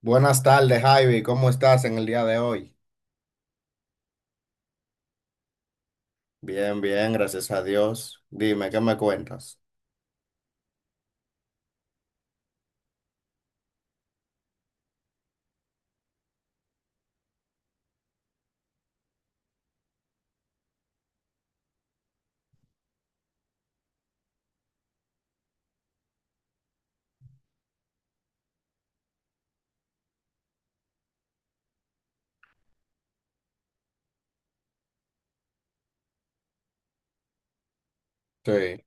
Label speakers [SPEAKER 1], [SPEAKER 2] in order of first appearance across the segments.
[SPEAKER 1] Buenas tardes, Javi. ¿Cómo estás en el día de hoy? Bien, bien, gracias a Dios. Dime, ¿qué me cuentas? Sí,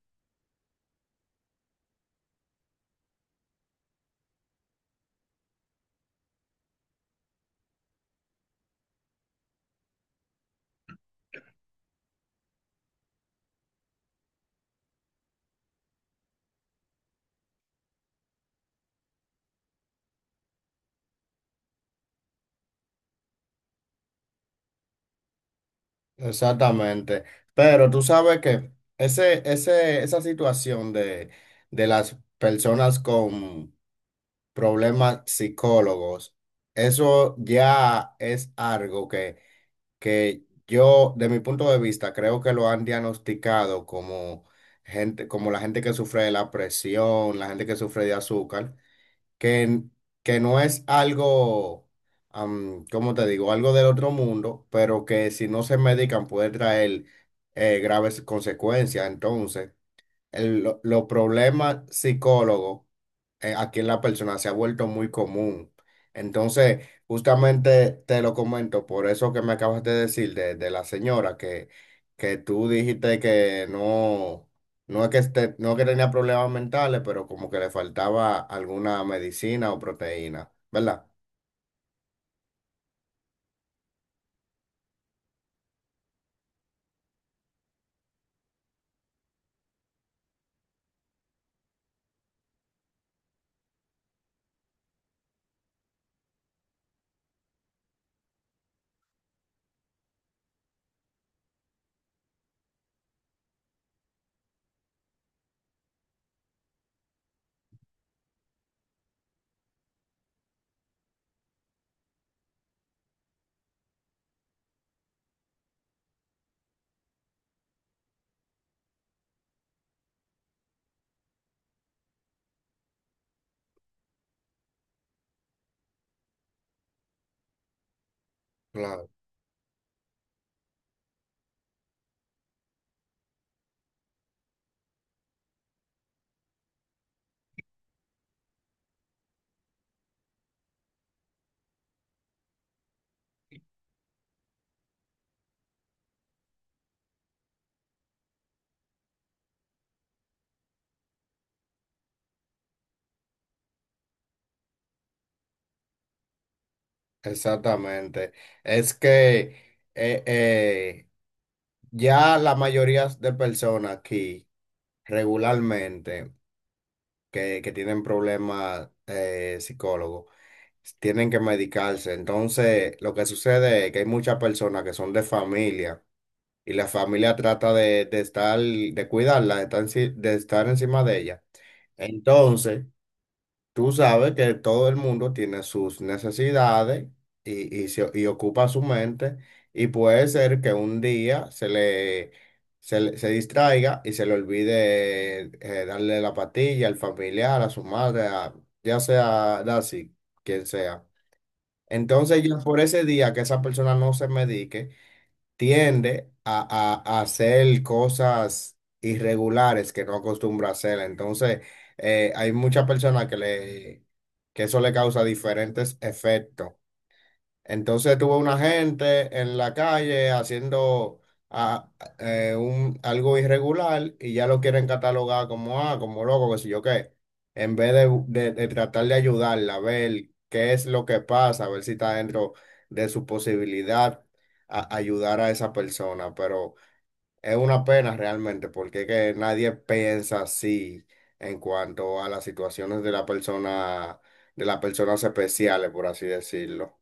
[SPEAKER 1] exactamente. Pero tú sabes que esa situación de las personas con problemas psicólogos, eso ya es algo que yo, de mi punto de vista, creo que lo han diagnosticado como gente, como la gente que sufre de la presión, la gente que sufre de azúcar. que, n- que no es algo, ¿cómo te digo? Algo del otro mundo, pero que si no se medican puede traer graves consecuencias. Entonces, los problemas psicólogos aquí en la persona se ha vuelto muy común. Entonces, justamente te lo comento por eso que me acabas de decir de la señora que tú dijiste que no, no es que esté, no es que tenía problemas mentales, pero como que le faltaba alguna medicina o proteína, ¿verdad? Claro, exactamente. Es que ya la mayoría de personas aquí regularmente que tienen problemas psicólogos, tienen que medicarse. Entonces, lo que sucede es que hay muchas personas que son de familia y la familia trata de estar, de cuidarla, de estar, de estar encima de ella. Entonces, tú sabes que todo el mundo tiene sus necesidades y, y ocupa su mente y puede ser que un día se distraiga y se le olvide darle la pastilla al familiar, a su madre, a- ya sea Daisy, quien sea. Entonces ya por ese día que esa persona no se medique, tiende a, a hacer cosas irregulares que no acostumbra a hacer. Entonces, hay muchas personas que le, que eso le causa diferentes efectos. Entonces tuve una gente en la calle haciendo ah, algo irregular y ya lo quieren catalogar como, ah, como loco, que si yo qué. En vez de, de tratar de ayudarla a ver qué es lo que pasa, a ver si está dentro de su posibilidad ayudar a esa persona. Pero es una pena realmente porque es que nadie piensa así en cuanto a las situaciones de la persona, de las personas especiales, por así decirlo.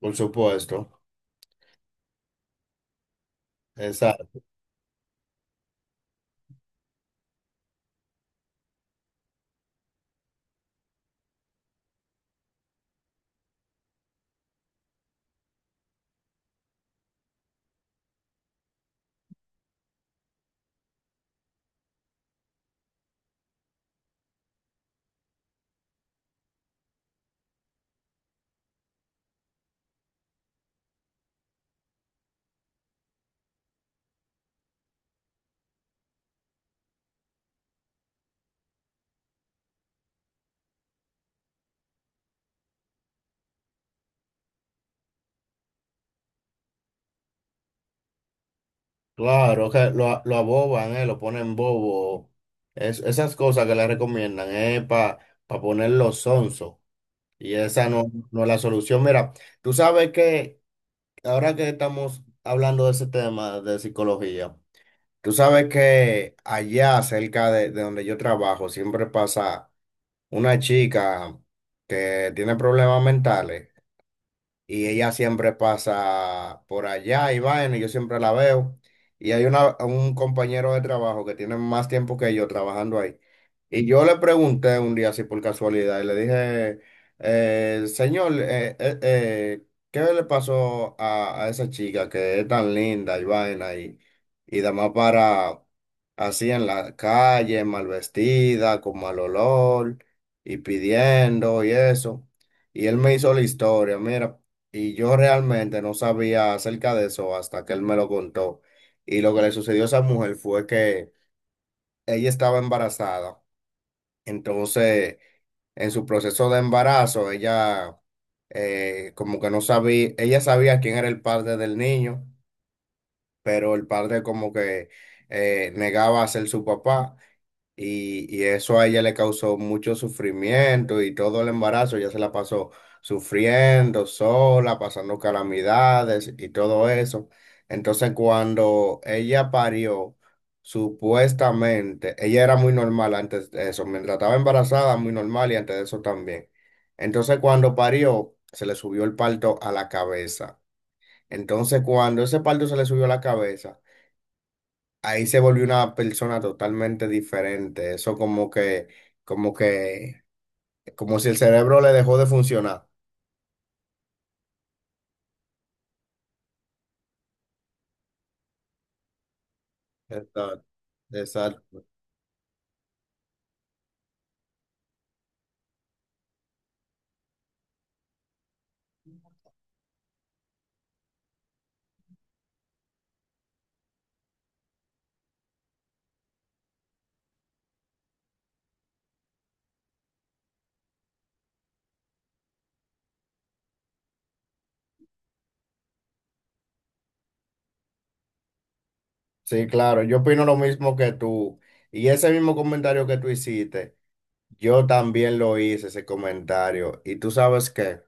[SPEAKER 1] Por supuesto, exacto, claro, que lo aboban, lo ponen bobo, es, esas cosas que le recomiendan, para ponerlo sonso, y esa no, no es la solución. Mira, tú sabes que ahora que estamos hablando de ese tema de psicología, tú sabes que allá cerca de donde yo trabajo siempre pasa una chica que tiene problemas mentales. Y ella siempre pasa por allá y vaina, y yo siempre la veo. Y hay una, un compañero de trabajo que tiene más tiempo que yo trabajando ahí. Y yo le pregunté un día así por casualidad, y le dije, señor, ¿qué le pasó a esa chica que es tan linda y vaina y demás para así en la calle, mal vestida, con mal olor y pidiendo y eso? Y él me hizo la historia, mira. Y yo realmente no sabía acerca de eso hasta que él me lo contó. Y lo que le sucedió a esa mujer fue que ella estaba embarazada. Entonces, en su proceso de embarazo, ella como que no sabía, ella sabía quién era el padre del niño, pero el padre como que negaba a ser su papá. Y eso a ella le causó mucho sufrimiento y todo el embarazo ya se la pasó sufriendo sola, pasando calamidades y todo eso. Entonces cuando ella parió, supuestamente, ella era muy normal antes de eso, mientras estaba embarazada, muy normal y antes de eso también. Entonces cuando parió, se le subió el parto a la cabeza. Entonces cuando ese parto se le subió a la cabeza, ahí se volvió una persona totalmente diferente. Eso como que, como que, como si el cerebro le dejó de funcionar. Exacto. Exacto. Sí, claro, yo opino lo mismo que tú. Y ese mismo comentario que tú hiciste, yo también lo hice, ese comentario. Y tú sabes que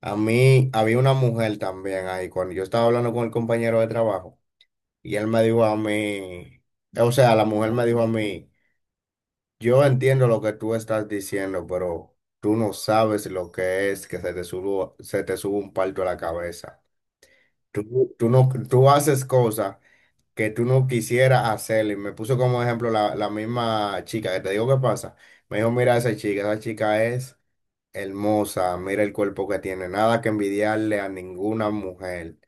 [SPEAKER 1] a mí había una mujer también ahí, cuando yo estaba hablando con el compañero de trabajo, y él me dijo a mí, o sea, la mujer me dijo a mí. Yo entiendo lo que tú estás diciendo, pero tú no sabes lo que es que se te suba un palto a la cabeza. Tú no, tú haces cosas que tú no quisieras hacer. Y me puso como ejemplo la, la misma chica que te digo qué pasa. Me dijo, mira esa chica es hermosa, mira el cuerpo que tiene, nada que envidiarle a ninguna mujer.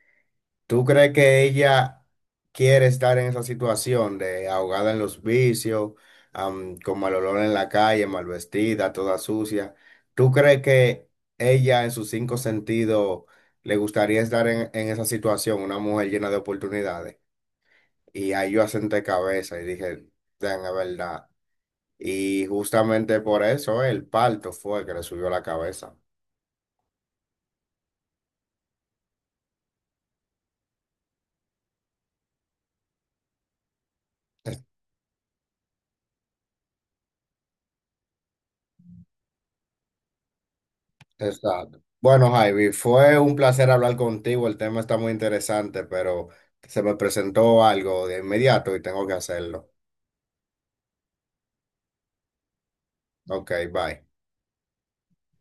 [SPEAKER 1] ¿Tú crees que ella quiere estar en esa situación de ahogada en los vicios, con mal olor en la calle, mal vestida, toda sucia? ¿Tú crees que ella en sus cinco sentidos le gustaría estar en esa situación, una mujer llena de oportunidades? Y ahí yo asenté cabeza y dije, "Damn, es verdad". Y justamente por eso el parto fue que le subió la cabeza. Exacto. Bueno, Javi, fue un placer hablar contigo. El tema está muy interesante, pero se me presentó algo de inmediato y tengo que hacerlo. Ok, bye.